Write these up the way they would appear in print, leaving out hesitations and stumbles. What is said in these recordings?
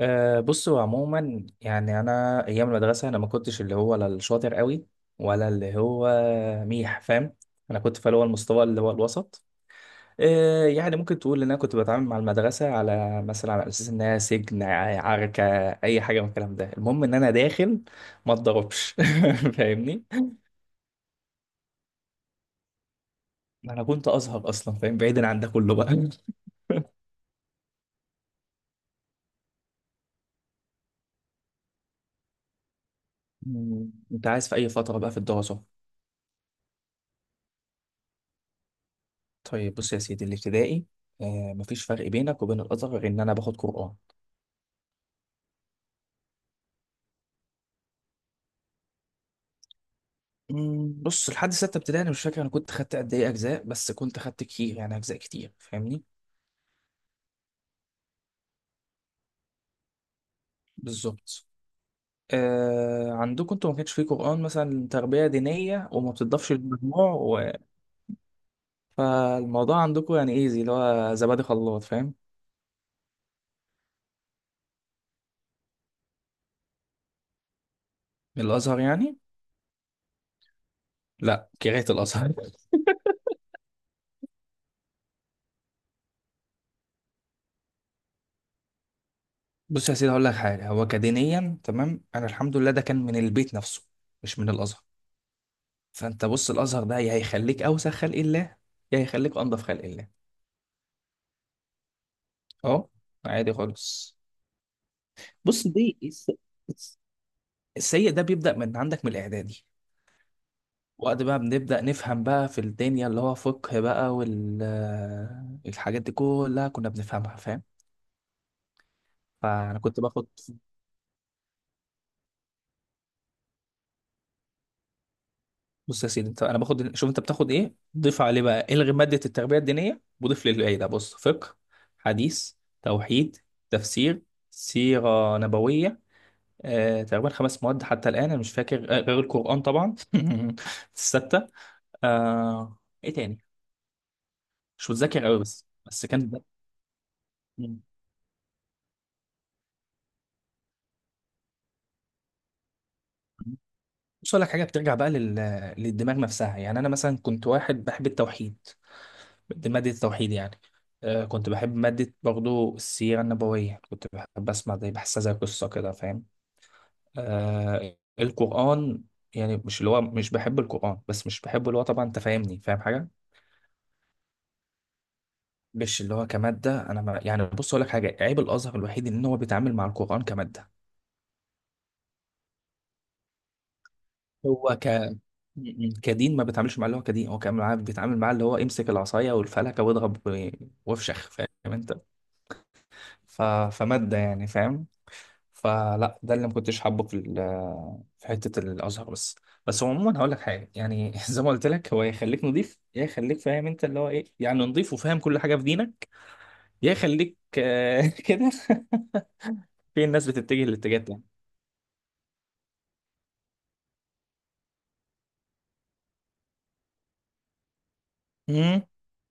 بص، هو عموما، يعني انا ايام المدرسه انا ما كنتش اللي هو لا الشاطر قوي، ولا اللي هو ميح، فاهم. انا كنت في اللي هو المستوى اللي هو الوسط. يعني ممكن تقول ان انا كنت بتعامل مع المدرسه على مثلا على اساس انها سجن، عركه، اي حاجه من الكلام ده. المهم ان انا داخل ما اتضربش. فاهمني. انا كنت ازهر اصلا، فاهم، بعيدا عن ده كله بقى. انت عايز في اي فتره بقى في الدراسه؟ طيب، بص يا سيدي، الابتدائي، مفيش فرق بينك وبين الازهر غير ان انا باخد قران. بص لحد سته ابتدائي انا مش فاكر انا كنت خدت قد ايه اجزاء، بس كنت خدت كتير، يعني اجزاء كتير، فاهمني. بالظبط. عندكم انتوا ما كانش فيه قران، مثلا تربيه دينيه وما بتضافش للمجموع، فالموضوع عندكم يعني ايزي، اللي هو زبادي خلاط، فاهم. الازهر يعني. لا، كرهت الازهر. بص يا سيدي هقول لك حاجه، هو كدينيا تمام، انا الحمد لله ده كان من البيت نفسه، مش من الازهر. فانت بص، الازهر ده يا هيخليك اوسخ خلق الله، يا هيخليك انضف خلق الله. اه، عادي خالص. بص دي الس- السيء ده بيبدا من عندك من الاعدادي. وقت بقى بنبدا نفهم بقى في الدنيا، اللي هو فقه بقى والحاجات دي كلها كنا بنفهمها، فاهم. فانا كنت باخد، بص يا سيدي انت، انا باخد، شوف انت بتاخد ايه ضيف عليه بقى، الغي ماده التربيه الدينيه وضيف لي الباقي ده. بص، فقه، حديث، توحيد، تفسير، سيره نبويه، تقريبا خمس مواد. حتى الآن أنا مش فاكر، غير القرآن طبعا. الستة، آه، إيه تاني، مش متذكر أوي، بس كان. مم. بص أقول لك حاجة، بترجع بقى للدماغ نفسها. يعني أنا مثلا كنت واحد بحب التوحيد، دي مادة التوحيد يعني. كنت بحب مادة برضو السيرة النبوية، كنت بحب أسمع، زي بحسها زي قصة كده، فاهم. القرآن يعني مش اللي هو، مش بحب القرآن، بس مش بحبه اللي هو، طبعا أنت فاهمني، فاهم حاجة. مش اللي هو كمادة، أنا ما يعني، بص أقول لك حاجة، عيب الأزهر الوحيد إن هو بيتعامل مع القرآن كمادة. هو ك م- م. كدين ما بيتعاملش مع اللي هو كدين، هو بيتعامل معاه اللي هو امسك العصاية والفلكة واضرب وافشخ، فاهم أنت. ف... فمادة يعني، فاهم. فلا، ده اللي ما كنتش حابه في حتة الأزهر بس. بس هو عموما هقول لك حاجة، يعني زي ما قلت لك، هو يخليك نضيف يا يخليك، فاهم أنت اللي هو إيه، يعني نضيف وفاهم كل حاجة في دينك، يا يخليك، كده، في الناس بتتجه للاتجاه ده. امم.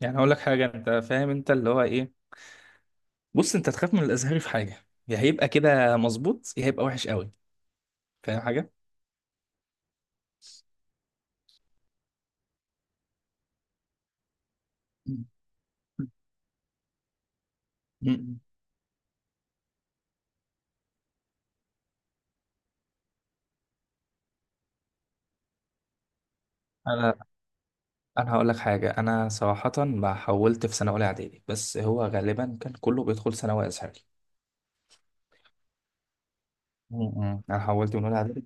يعني هقول لك حاجه، انت فاهم انت اللي هو ايه، بص انت تخاف من الازهري في حاجه، يا هيبقى كده مظبوط يا هيبقى وحش قوي، فاهم حاجه. مم. مم. انا انا هقول لك حاجه، انا صراحه ما حولت في سنه اولى اعدادي، بس هو غالبا كان كله بيدخل ثانوي ازهري. انا حولت من اولى اعدادي.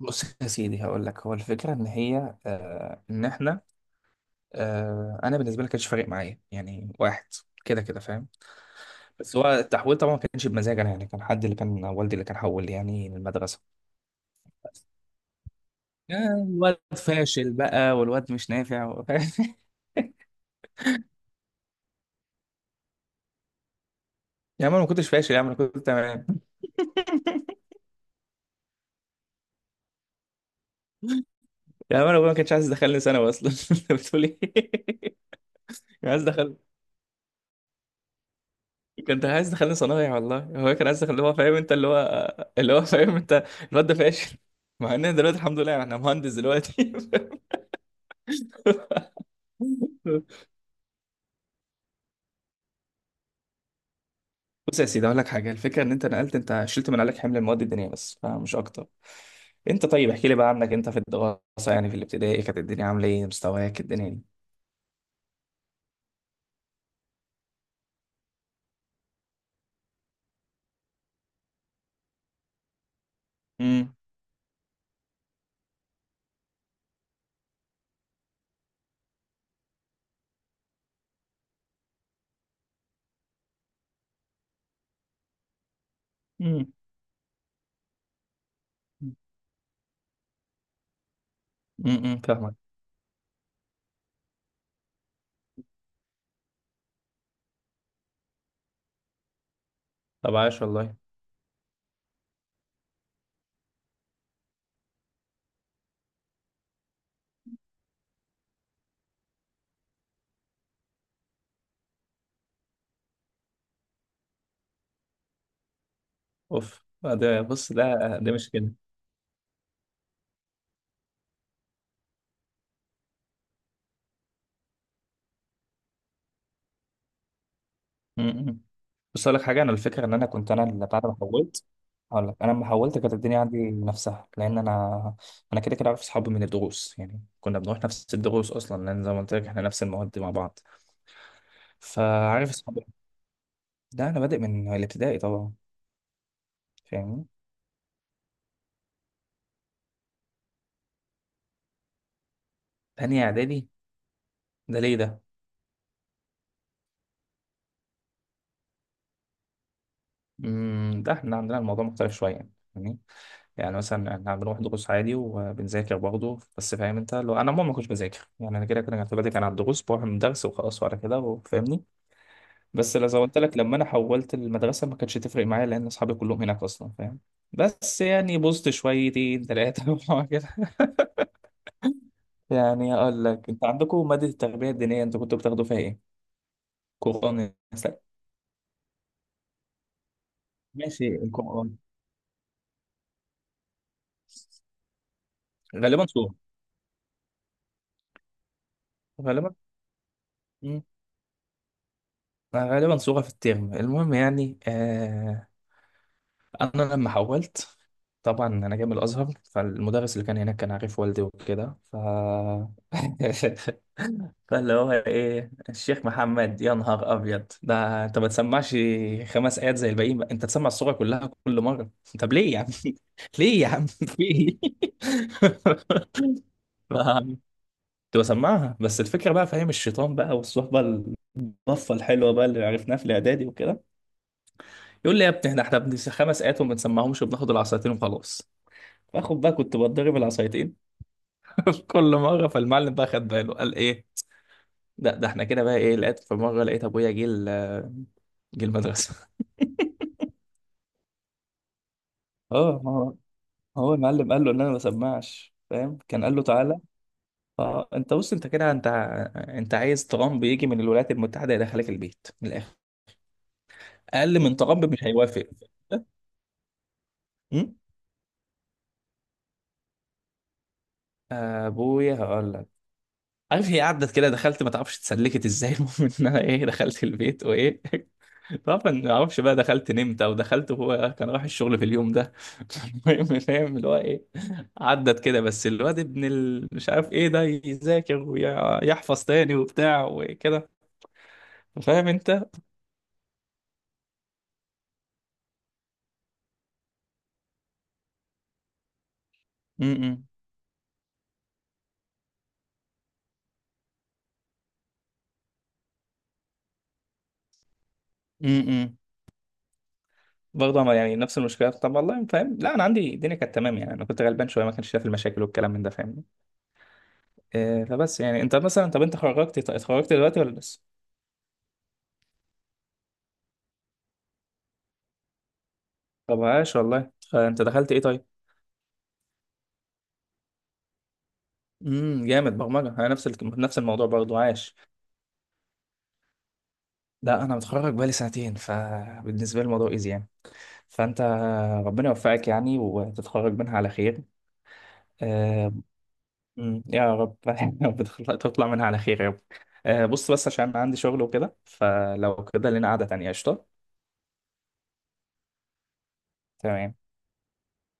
بص يا سيدي هقول لك، هو الفكره ان هي، ان احنا، انا بالنسبه لي كانش فارق معايا، يعني واحد كده كده، فاهم. بس هو التحويل طبعا ما كانش بمزاج انا، يعني كان حد اللي كان والدي اللي كان حول لي يعني المدرسه. يا الواد فاشل بقى والواد مش نافع يا عم انا ما كنتش فاشل، يا عم انا كنت تمام. يا عم انا أبويا ما كانش عايز يدخلني ثانوي اصلا، انت بتقول ايه. كان عايز دخل، كنت عايز دخلني صنايع والله، هو كان عايز اللي هو فاهم انت، اللي هو اللي هو فاهم انت، الواد ده فاشل. مع ان أنا دلوقتي الحمد لله انا مهندس دلوقتي. بص يا سيدي اقول لك حاجه، الفكره ان انت نقلت انت شلت من عليك حمل المواد الدينيه بس، فمش اكتر. انت طيب احكي لي بقى عنك انت في الدراسه، يعني في الابتدائي كانت الدنيا عامله ايه، مستواك الدنيا دي. امم. امم. امم، فاهمك. طب عاش والله. اوف، ده بص ده، ده مش كده. امم. بص اقول لك حاجه، انا الفكره ان انا كنت، انا اللي بعد ما حولت هقول لك، انا لما حولت كانت الدنيا عندي نفسها لان انا، انا كده كده عارف اصحابي من الدروس، يعني كنا بنروح نفس الدروس اصلا، لان زي ما قلت لك احنا نفس المواد مع بعض. فعارف اصحابي، ده انا بادئ من الابتدائي طبعا. فاهمني. تانية اعدادي. ده ليه ده؟ امم، ده احنا عندنا الموضوع مختلف شويه، يعني فاهمني؟ يعني مثلا احنا بنروح دروس عادي وبنذاكر برضه، بس فاهم انت، لو انا عموما ما كنتش بذاكر، يعني انا كده كده كنت بادئ كان على الدروس، بروح من درس وخلاص وعلى كده، فاهمني. بس لو زي ما قلت لك لما انا حولت المدرسه ما كانتش تفرق معايا، لان اصحابي كلهم هناك اصلا، فاهم. بس يعني بوظت شويتين ثلاثه كده. يعني اقول لك، انت عندكم ماده التربيه الدينيه انتوا كنتوا بتاخدوا فيها ايه؟ قران. ماشي، القرآن. غالبا صورة، غالبا. مم. غالبا صورة في الترم، المهم يعني، أنا لما حولت طبعا أنا جاي من الأزهر، فالمدرس اللي كان هناك كان عارف والدي وكده، ف فاللي هو إيه، الشيخ محمد، يا نهار أبيض، ده أنت ما تسمعش خمس آيات زي الباقيين بقى. أنت تسمع الصورة كلها كل مرة. طب ليه يا عم، ليه يا عم في إيه. ف- كنت بسمعها، بس الفكره بقى فاهم الشيطان بقى والصحبه الطفه الحلوه بقى اللي عرفناها في الاعدادي وكده، يقول لي يا ابني احنا خمس ايات وما بنسمعهمش وبناخد العصايتين وخلاص. باخد بقى كنت بتضرب العصايتين في كل مره. فالمعلم بقى خد باله، قال ايه لا، ده احنا كده بقى ايه، لقيت في مره لقيت ابويا جه المدرسه. اه ما هو، هو المعلم قال له ان انا ما بسمعش، فاهم، كان قال له تعالى. اه، انت بص انت كده انت، انت عايز ترامب يجي من الولايات المتحده يدخلك البيت من الاخر، اقل من ترامب مش هيوافق. م? ابويا هقول لك، عارف هي قعدت كده دخلت ما تعرفش اتسلكت ازاي، المهم ان انا ايه دخلت البيت وايه. طبعا ما اعرفش بقى دخلت نمت او دخلت وهو كان رايح الشغل في اليوم ده. المهم فاهم اللي هو ايه، عدت كده بس الواد ابن ال... مش عارف ايه ده، يذاكر ويحفظ تاني وبتاع وكده، فاهم انت. امم. امم. برضه يعني نفس المشكله، طب والله فاهم، لا انا عندي الدنيا كانت تمام، يعني انا كنت غلبان شويه ما كانش شايف المشاكل والكلام من ده، فاهمني. فبس يعني انت مثلا طب انت خرجت اتخرجت دلوقتي ولا لسه؟ طب عاش والله، انت دخلت ايه طيب؟ امم، جامد برمجه، انا نفس نفس الموضوع برضو، عاش. لا، انا متخرج بقالي سنتين، فبالنسبه لي الموضوع ايزي يعني. فانت، ربنا يوفقك يعني وتتخرج منها على خير. آه، يا رب، يا رب تطلع منها على خير يا رب. بص بس عشان عندي شغل وكده، فلو كده لنا قعده تانيه قشطه. تمام.